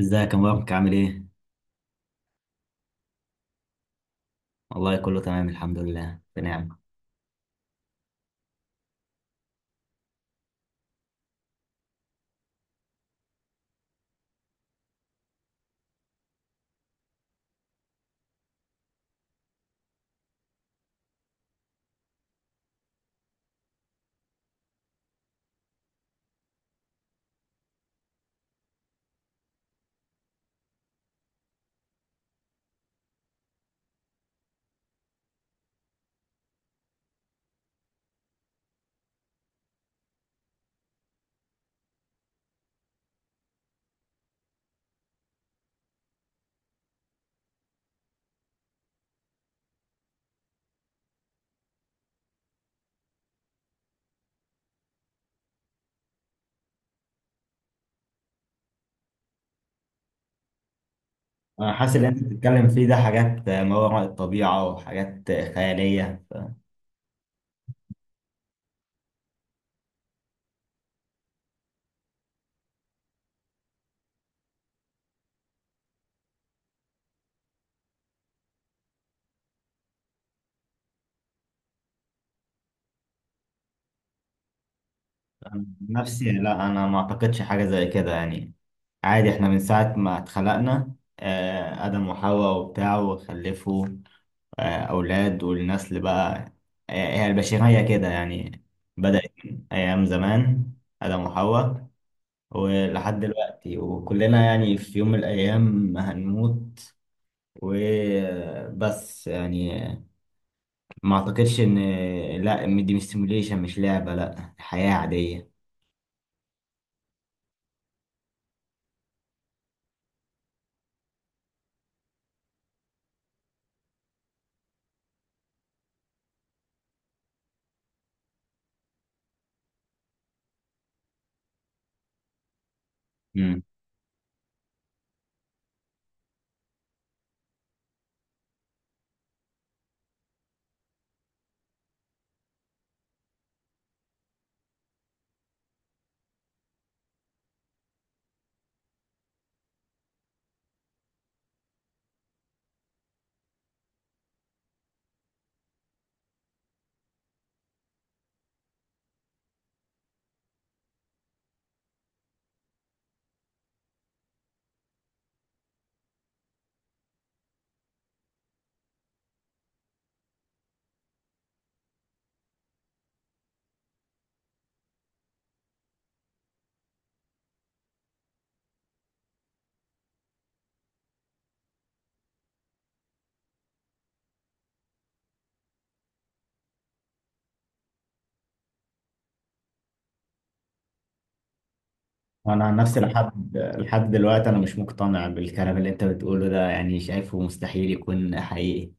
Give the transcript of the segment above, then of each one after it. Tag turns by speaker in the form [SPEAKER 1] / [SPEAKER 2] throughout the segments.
[SPEAKER 1] ازيك يا مبارك؟ عامل ايه؟ والله كله تمام الحمد لله بنعم. انا حاسس اللي انت بتتكلم فيه ده حاجات ما وراء الطبيعة وحاجات خيالية. أنا عن نفسي لا، انا ما اعتقدش حاجة زي كده يعني. عادي احنا من ساعة ما اتخلقنا، آدم وحواء وبتاع، وخلفوا اولاد والنسل بقى. هي البشرية كده يعني، بدأت من ايام زمان، آدم وحواء، ولحد دلوقتي. وكلنا يعني في يوم من الايام هنموت وبس يعني. ما اعتقدش ان، لا، إن دي مش سيموليشن، مش لعبة، لا، حياة عادية. امم انا عن نفسي لحد دلوقتي انا مش مقتنع بالكلام اللي انت بتقوله ده يعني، شايفه مستحيل يكون حقيقي.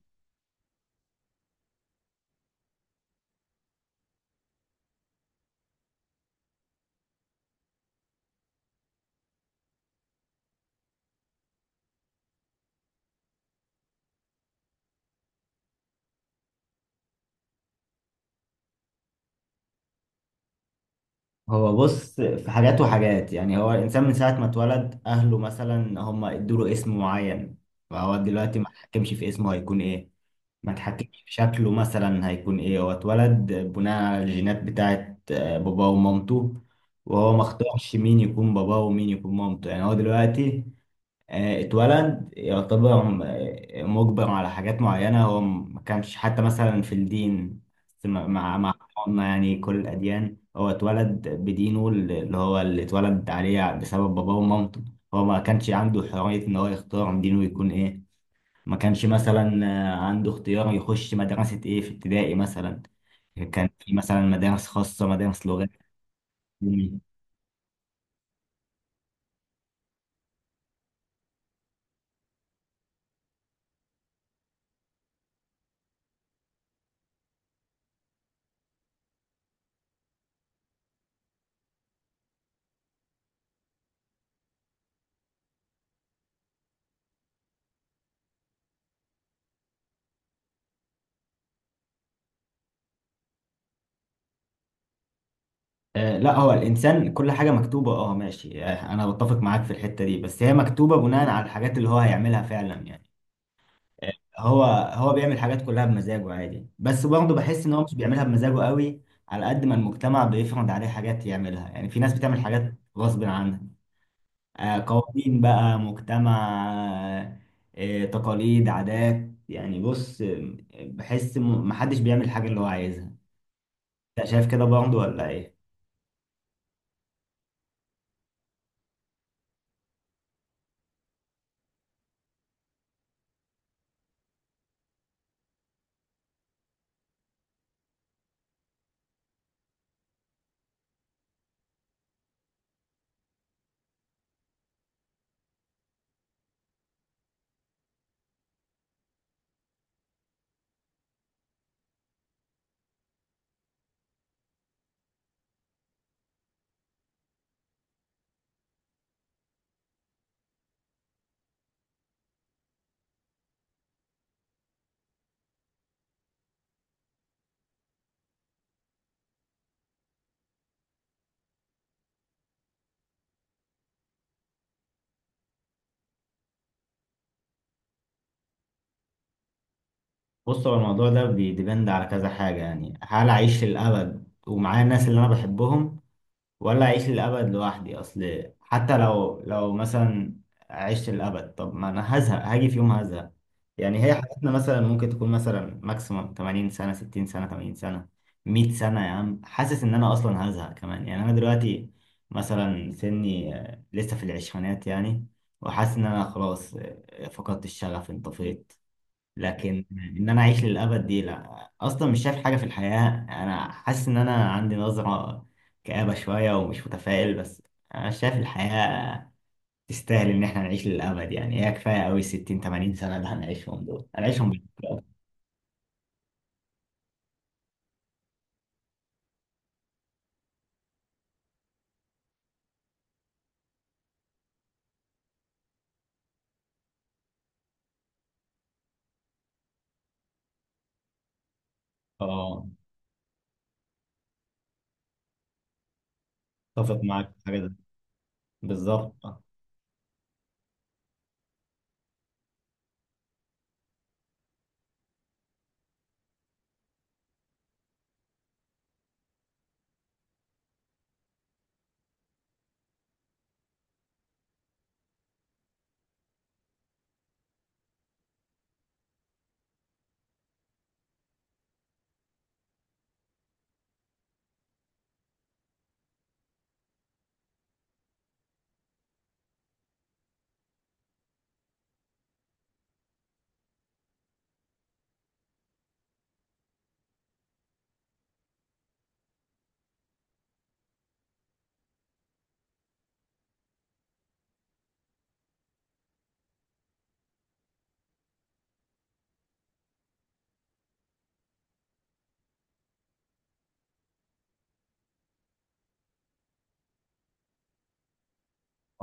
[SPEAKER 1] هو بص، في حاجات وحاجات يعني، هو الإنسان من ساعة ما اتولد أهله مثلا هم ادوله اسم معين، فهو دلوقتي ما اتحكمش في اسمه هيكون إيه، ما اتحكمش في شكله مثلا هيكون إيه. هو اتولد بناء على الجينات بتاعت باباه ومامته، وهو ما اختارش مين يكون باباه ومين يكون مامته. يعني هو دلوقتي اتولد يعتبر مجبر على حاجات معينة. هو ما كانش حتى مثلا في الدين، بس مع حضرنا يعني كل الأديان، هو اتولد بدينه اللي هو اللي اتولد عليه بسبب باباه ومامته. هو ما كانش عنده حرية إن هو يختار دينه يكون إيه. ما كانش مثلا عنده اختيار يخش مدرسة إيه في ابتدائي مثلا، كان في مثلا مدارس خاصة، مدارس لغات. لا، هو الانسان كل حاجه مكتوبه، اه ماشي، انا بتفق معاك في الحته دي، بس هي مكتوبه بناء على الحاجات اللي هو هيعملها فعلا يعني. آه، هو هو بيعمل حاجات كلها بمزاجه عادي، بس برضه بحس ان هو مش بيعملها بمزاجه قوي، على قد ما المجتمع بيفرض عليه حاجات يعملها. يعني في ناس بتعمل حاجات غصب عنها، قوانين بقى، مجتمع، آه، تقاليد، عادات. يعني بص، بحس محدش بيعمل حاجه اللي هو عايزها. انت شايف كده برضه ولا ايه؟ بص، هو الموضوع ده بيديبند على كذا حاجة يعني. هل أعيش للأبد ومعايا الناس اللي أنا بحبهم، ولا أعيش للأبد لوحدي؟ أصل حتى لو مثلا عشت للأبد، طب ما أنا هزهق، هاجي في يوم هزهق يعني. هي حياتنا مثلا ممكن تكون مثلا ماكسيموم 80 سنة، 60 سنة، 80 سنة، 100 سنة يا عم. حاسس إن أنا أصلا هزهق كمان يعني. أنا دلوقتي مثلا سني لسه في العشرينات يعني، وحاسس إن أنا خلاص فقدت الشغف، انطفيت. لكن ان انا اعيش للابد دي لا، اصلا مش شايف حاجه في الحياه. انا حاسس ان انا عندي نظره كآبه شويه ومش متفائل، بس انا شايف الحياه تستاهل ان احنا نعيش للابد يعني. هي كفايه قوي 60، 80 سنه اللي هنعيشهم دول، هنعيشهم بالظبط. اه، اتفق معاك في حاجه ده، بالظبط.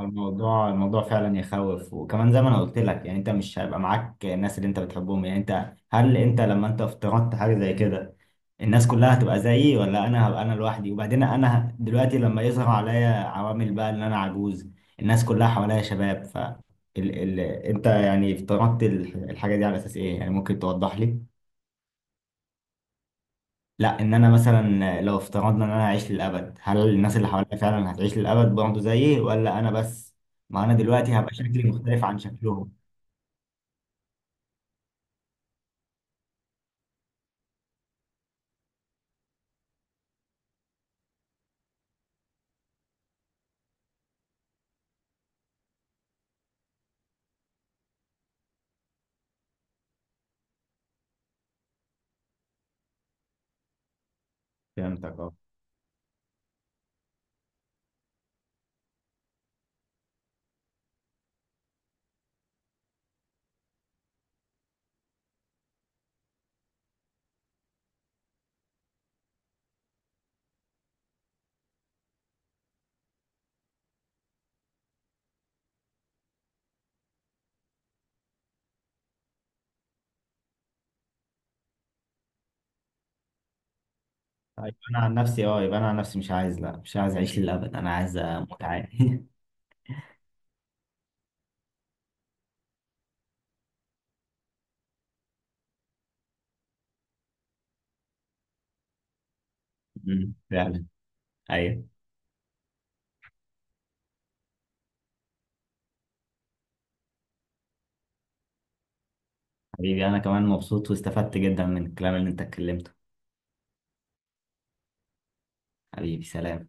[SPEAKER 1] الموضوع، الموضوع فعلا يخوف، وكمان زي ما انا قلت لك يعني، انت مش هيبقى معاك الناس اللي انت بتحبهم. يعني انت، هل انت لما انت افترضت حاجه زي كده، الناس كلها هتبقى زيي، ولا انا هبقى انا لوحدي؟ وبعدين انا دلوقتي لما يظهر عليا عوامل بقى ان انا عجوز، الناس كلها حواليا شباب، انت يعني افترضت الحاجه دي على اساس ايه يعني؟ ممكن توضح لي؟ لا، ان انا مثلا لو افترضنا ان انا اعيش للابد، هل الناس اللي حواليا فعلا هتعيش للابد برضه زيي، ولا انا بس؟ ما انا دلوقتي هبقى شكلي مختلف عن شكلهم. فهمتك، اه. طيب انا عن نفسي اه، يبقى انا عن نفسي مش عايز، لا مش عايز اعيش للابد، انا عايز اموت عادي فعلا. ايوه، حبيبي، انا كمان مبسوط واستفدت جدا من الكلام اللي انت اتكلمته. حبيبي، سلام.